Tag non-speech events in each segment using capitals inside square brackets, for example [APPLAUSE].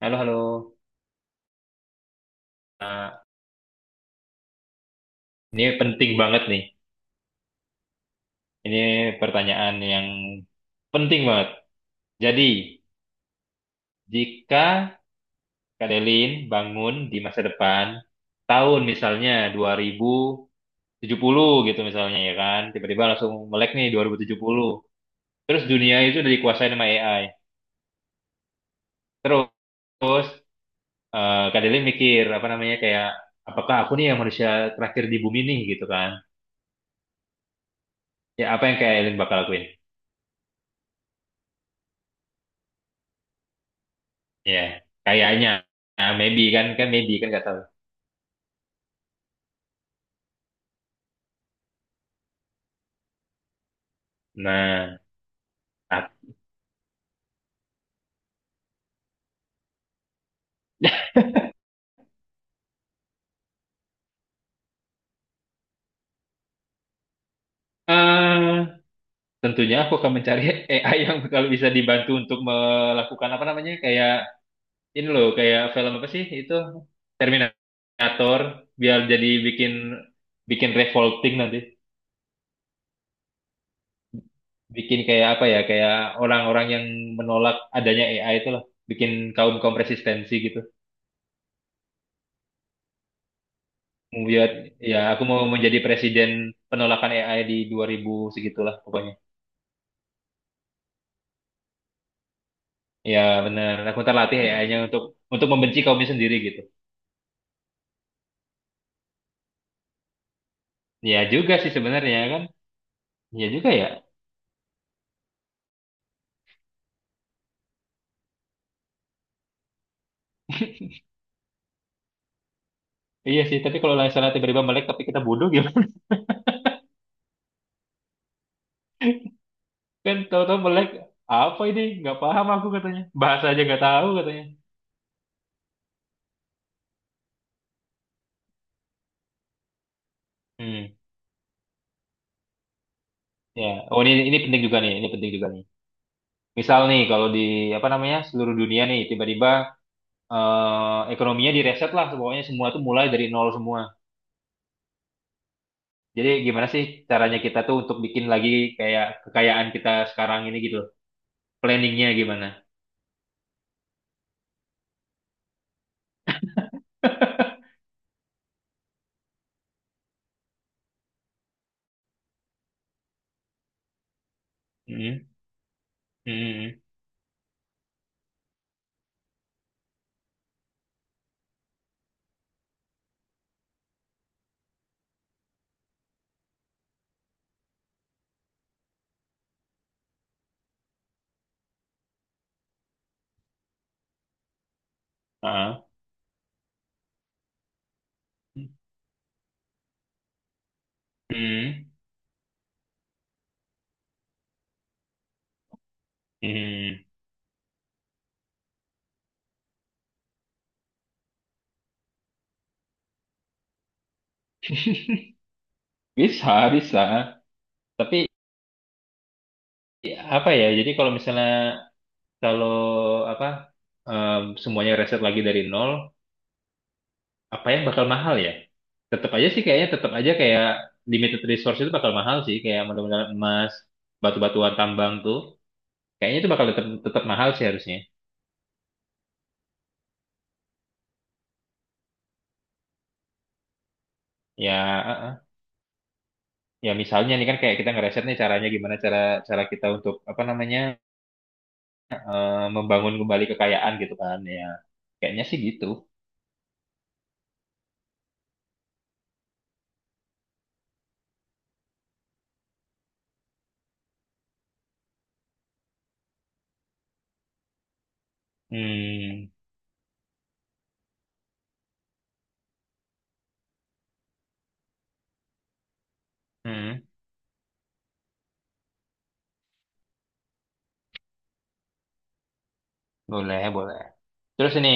Halo, halo. Nah, ini penting banget nih. Ini pertanyaan yang penting banget. Jadi, jika Kak Delin bangun di masa depan, tahun misalnya 2070 gitu misalnya ya kan, tiba-tiba langsung melek nih 2070. Terus dunia itu udah dikuasain sama AI. Terus, Kak Delin mikir, apa namanya, kayak, apakah aku nih yang manusia terakhir di bumi nih gitu kan. Ya, apa yang Kak Delin bakal lakuin? Ya, kayaknya nah, maybe kan kan maybe kan nggak tahu. Nah, ah, [LAUGHS] eh, tentunya aku akan mencari AI yang kalau bisa dibantu untuk melakukan apa namanya, kayak ini loh, kayak film apa sih itu, Terminator, biar jadi bikin bikin revolting nanti, bikin kayak apa ya, kayak orang-orang yang menolak adanya AI itu loh, bikin kaum-kaum resistensi gitu, membuat, ya aku mau menjadi presiden penolakan AI di 2000 segitulah pokoknya. Ya benar, aku ntar latih AI-nya untuk membenci kaumnya sendiri gitu. Ya juga sih sebenarnya kan. Ya juga ya. [LAUGHS] Iya sih, tapi kalau misalnya tiba-tiba melek tapi kita bodoh gimana? [LAUGHS] Kan tahu-tahu melek, apa ini? Nggak paham aku katanya. Bahasa aja nggak tahu katanya. Hmm. Ya, oh ini penting juga nih, ini penting juga nih. Misal nih kalau di apa namanya seluruh dunia nih tiba-tiba, ekonominya direset lah, pokoknya semua tuh mulai dari nol semua. Jadi gimana sih caranya kita tuh untuk bikin lagi kayak kekayaan kita sekarang ini gitu, planningnya gimana? [LAUGHS] Hmm, hmm, ah, hmm, hmm. Bisa, bisa. Tapi ya, apa ya? Jadi kalau misalnya, kalau apa, semuanya reset lagi dari nol, apa yang bakal mahal ya? Tetap aja sih kayaknya, tetap aja kayak limited resource itu bakal mahal sih, kayak mudah-mudahan emas, batu-batuan tambang tuh. Kayaknya itu bakal tetap tetap mahal sih harusnya. Ya, eh, eh. Ya misalnya nih kan kayak kita ngereset nih, caranya gimana, cara cara kita untuk apa namanya, membangun kembali kekayaan gitu kan ya, kayaknya sih gitu. Hmm, hmm, boleh, boleh, terus ini,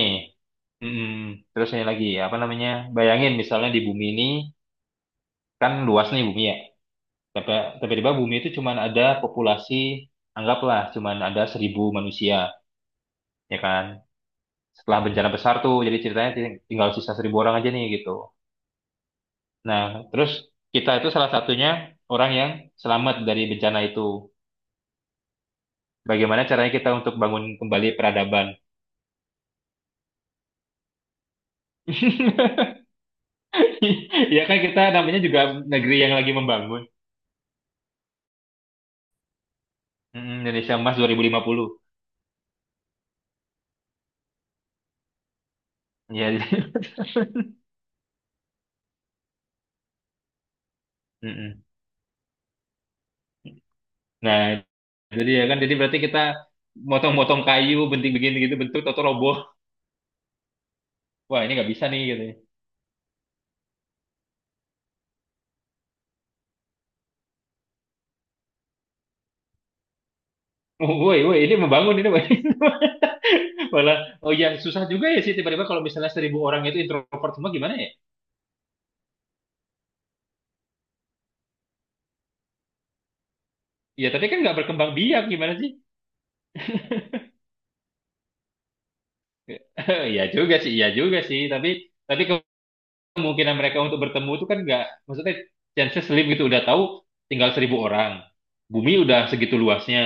hmm, terus ini lagi apa namanya, bayangin misalnya di bumi ini, kan luas nih bumi ya, tapi tiba-tiba bumi itu cuman ada populasi, anggaplah cuman ada seribu manusia, ya kan, setelah bencana besar tuh, jadi ceritanya tinggal sisa seribu orang aja nih gitu. Nah, terus kita itu salah satunya, orang yang selamat dari bencana itu. Bagaimana caranya kita untuk bangun kembali peradaban? [LAUGHS] Ya kan kita namanya juga negeri yang lagi membangun. Mm, Indonesia Emas 2050. Ya. [LAUGHS] Mm-mm. Nah, jadi ya kan, jadi berarti kita motong-motong kayu, benting-benting gitu bentuk atau roboh. Wah, ini nggak bisa nih gitu, ya. Oh, woi, woi, ini membangun ini, woi. [LAUGHS] Malah, oh ya susah juga ya sih, tiba-tiba kalau misalnya seribu orang itu introvert semua gimana ya? Ya tapi kan nggak berkembang biak gimana sih? [LAUGHS] Iya juga sih, iya juga sih. tapi kemungkinan mereka untuk bertemu itu kan nggak, maksudnya chance slim gitu, udah tahu tinggal seribu orang, bumi udah segitu luasnya,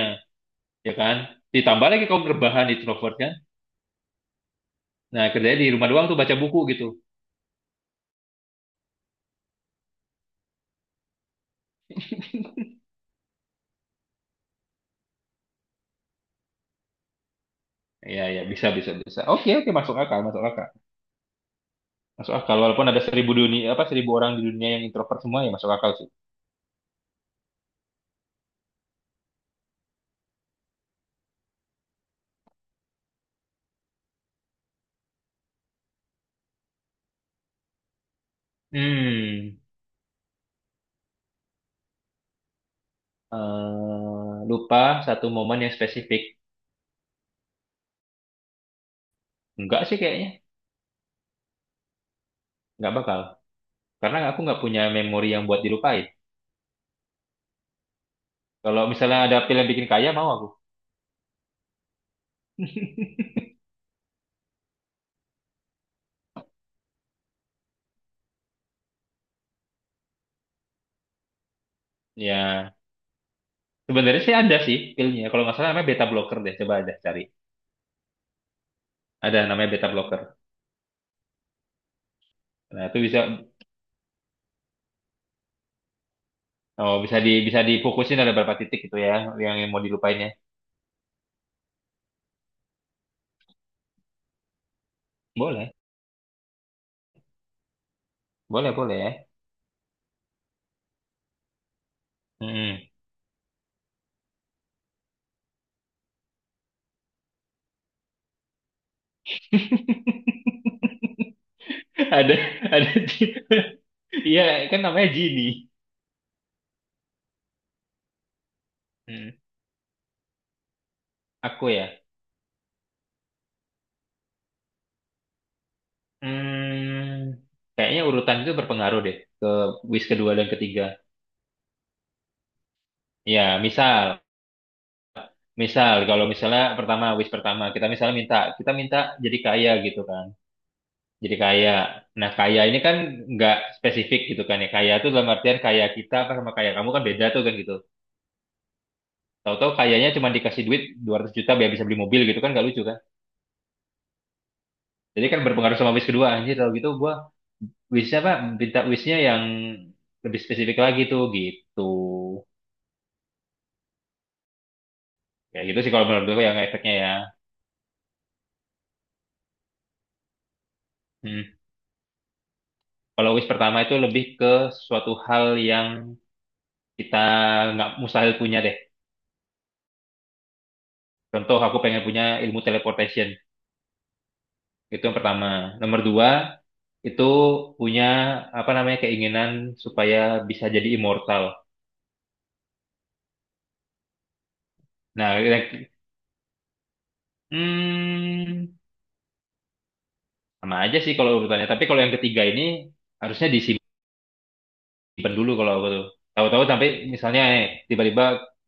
ya kan, ditambah lagi kaum rebahan introvert kan, nah kerjanya di rumah doang tuh, baca buku gitu. Ya, ya, bisa, bisa, bisa, oke, oke, masuk akal, masuk akal, masuk akal, walaupun ada seribu dunia, apa, seribu orang di dunia yang introvert semua, ya masuk akal sih. Hmm. Lupa satu momen yang spesifik, enggak sih kayaknya, nggak bakal, karena aku nggak punya memori yang buat dilupain. Kalau misalnya ada film bikin kaya mau aku. [LAUGHS] Ya, sebenarnya sih ada sih pilnya. Kalau nggak salah namanya beta blocker deh. Coba aja cari. Ada namanya beta blocker. Nah, itu bisa, oh, bisa di, bisa difokusin ada berapa titik gitu ya, yang mau dilupainnya. Boleh, boleh, boleh. Mm. [LAUGHS] Ada, ada. [LAUGHS] Iya, kan namanya genie. Hmm, aku ya. Hmm, kayaknya urutan itu berpengaruh deh ke wish kedua dan ketiga. Ya, misal Misal, kalau misalnya pertama, wish pertama, kita misalnya minta, kita minta jadi kaya gitu kan, jadi kaya. Nah, kaya ini kan nggak spesifik gitu kan ya, kaya itu dalam artian, kaya kita apa sama kaya kamu kan beda tuh kan gitu. Tahu-tahu kayanya cuma dikasih duit 200 juta biar bisa beli mobil gitu kan, nggak lucu kan. Jadi kan berpengaruh sama wish kedua, anjir kalau gitu gua wishnya apa, minta wishnya yang lebih spesifik lagi tuh gitu. Ya gitu sih kalau menurut gue yang efeknya ya. Hmm. Kalau wish pertama itu lebih ke suatu hal yang kita nggak mustahil punya deh. Contoh, aku pengen punya ilmu teleportation. Itu yang pertama. Nomor dua, itu punya apa namanya, keinginan supaya bisa jadi immortal. Nah, hmm, sama aja sih kalau urutannya. Tapi kalau yang ketiga ini harusnya disimpan dulu kalau aku tuh. Tahu-tahu sampai misalnya, tiba-tiba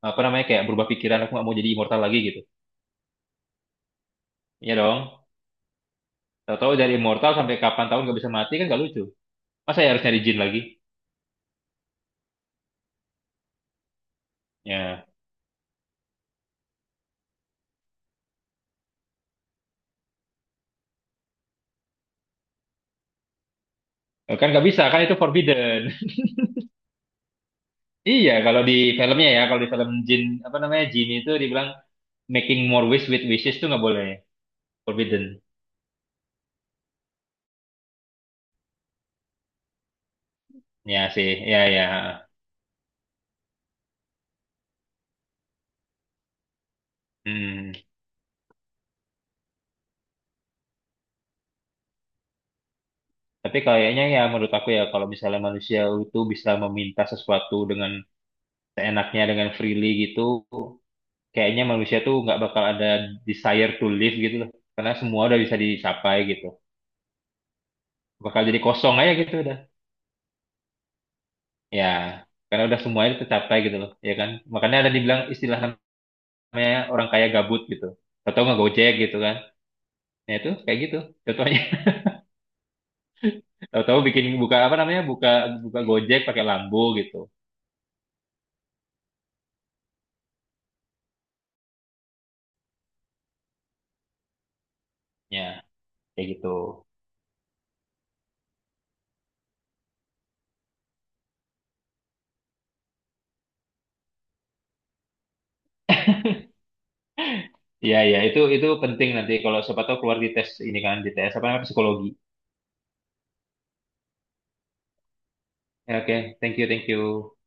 apa namanya, kayak berubah pikiran aku nggak mau jadi immortal lagi gitu. Iya dong. Tahu-tahu dari immortal sampai kapan tahun nggak bisa mati kan nggak lucu. Masa ya harus nyari jin lagi? Ya. Eh, kan nggak bisa, kan itu forbidden. [LAUGHS] Iya, kalau di filmnya ya, kalau di film Jin, apa namanya, Jin itu dibilang making more wish with wishes itu nggak boleh. Forbidden. Ya sih, ya, ya. Hmm. Tapi kayaknya ya menurut aku ya, kalau misalnya manusia itu bisa meminta sesuatu dengan seenaknya, dengan freely gitu, kayaknya manusia tuh nggak bakal ada desire to live gitu loh. Karena semua udah bisa dicapai gitu. Bakal jadi kosong aja gitu udah. Ya, karena udah semuanya tercapai gitu loh, ya kan? Makanya ada dibilang istilah namanya orang kaya gabut gitu. Tahu-tahu nggak Gojek gitu kan. Nah itu kayak gitu. Contohnya, [LAUGHS] tahu-tahu bikin buka apa namanya, buka buka Gojek pakai Lambo gitu. Ya kayak gitu. Iya iya, itu penting nanti kalau siapa tahu keluar di tes ini, kan di tes apa namanya, psikologi. Ya, oke, thank you, thank you.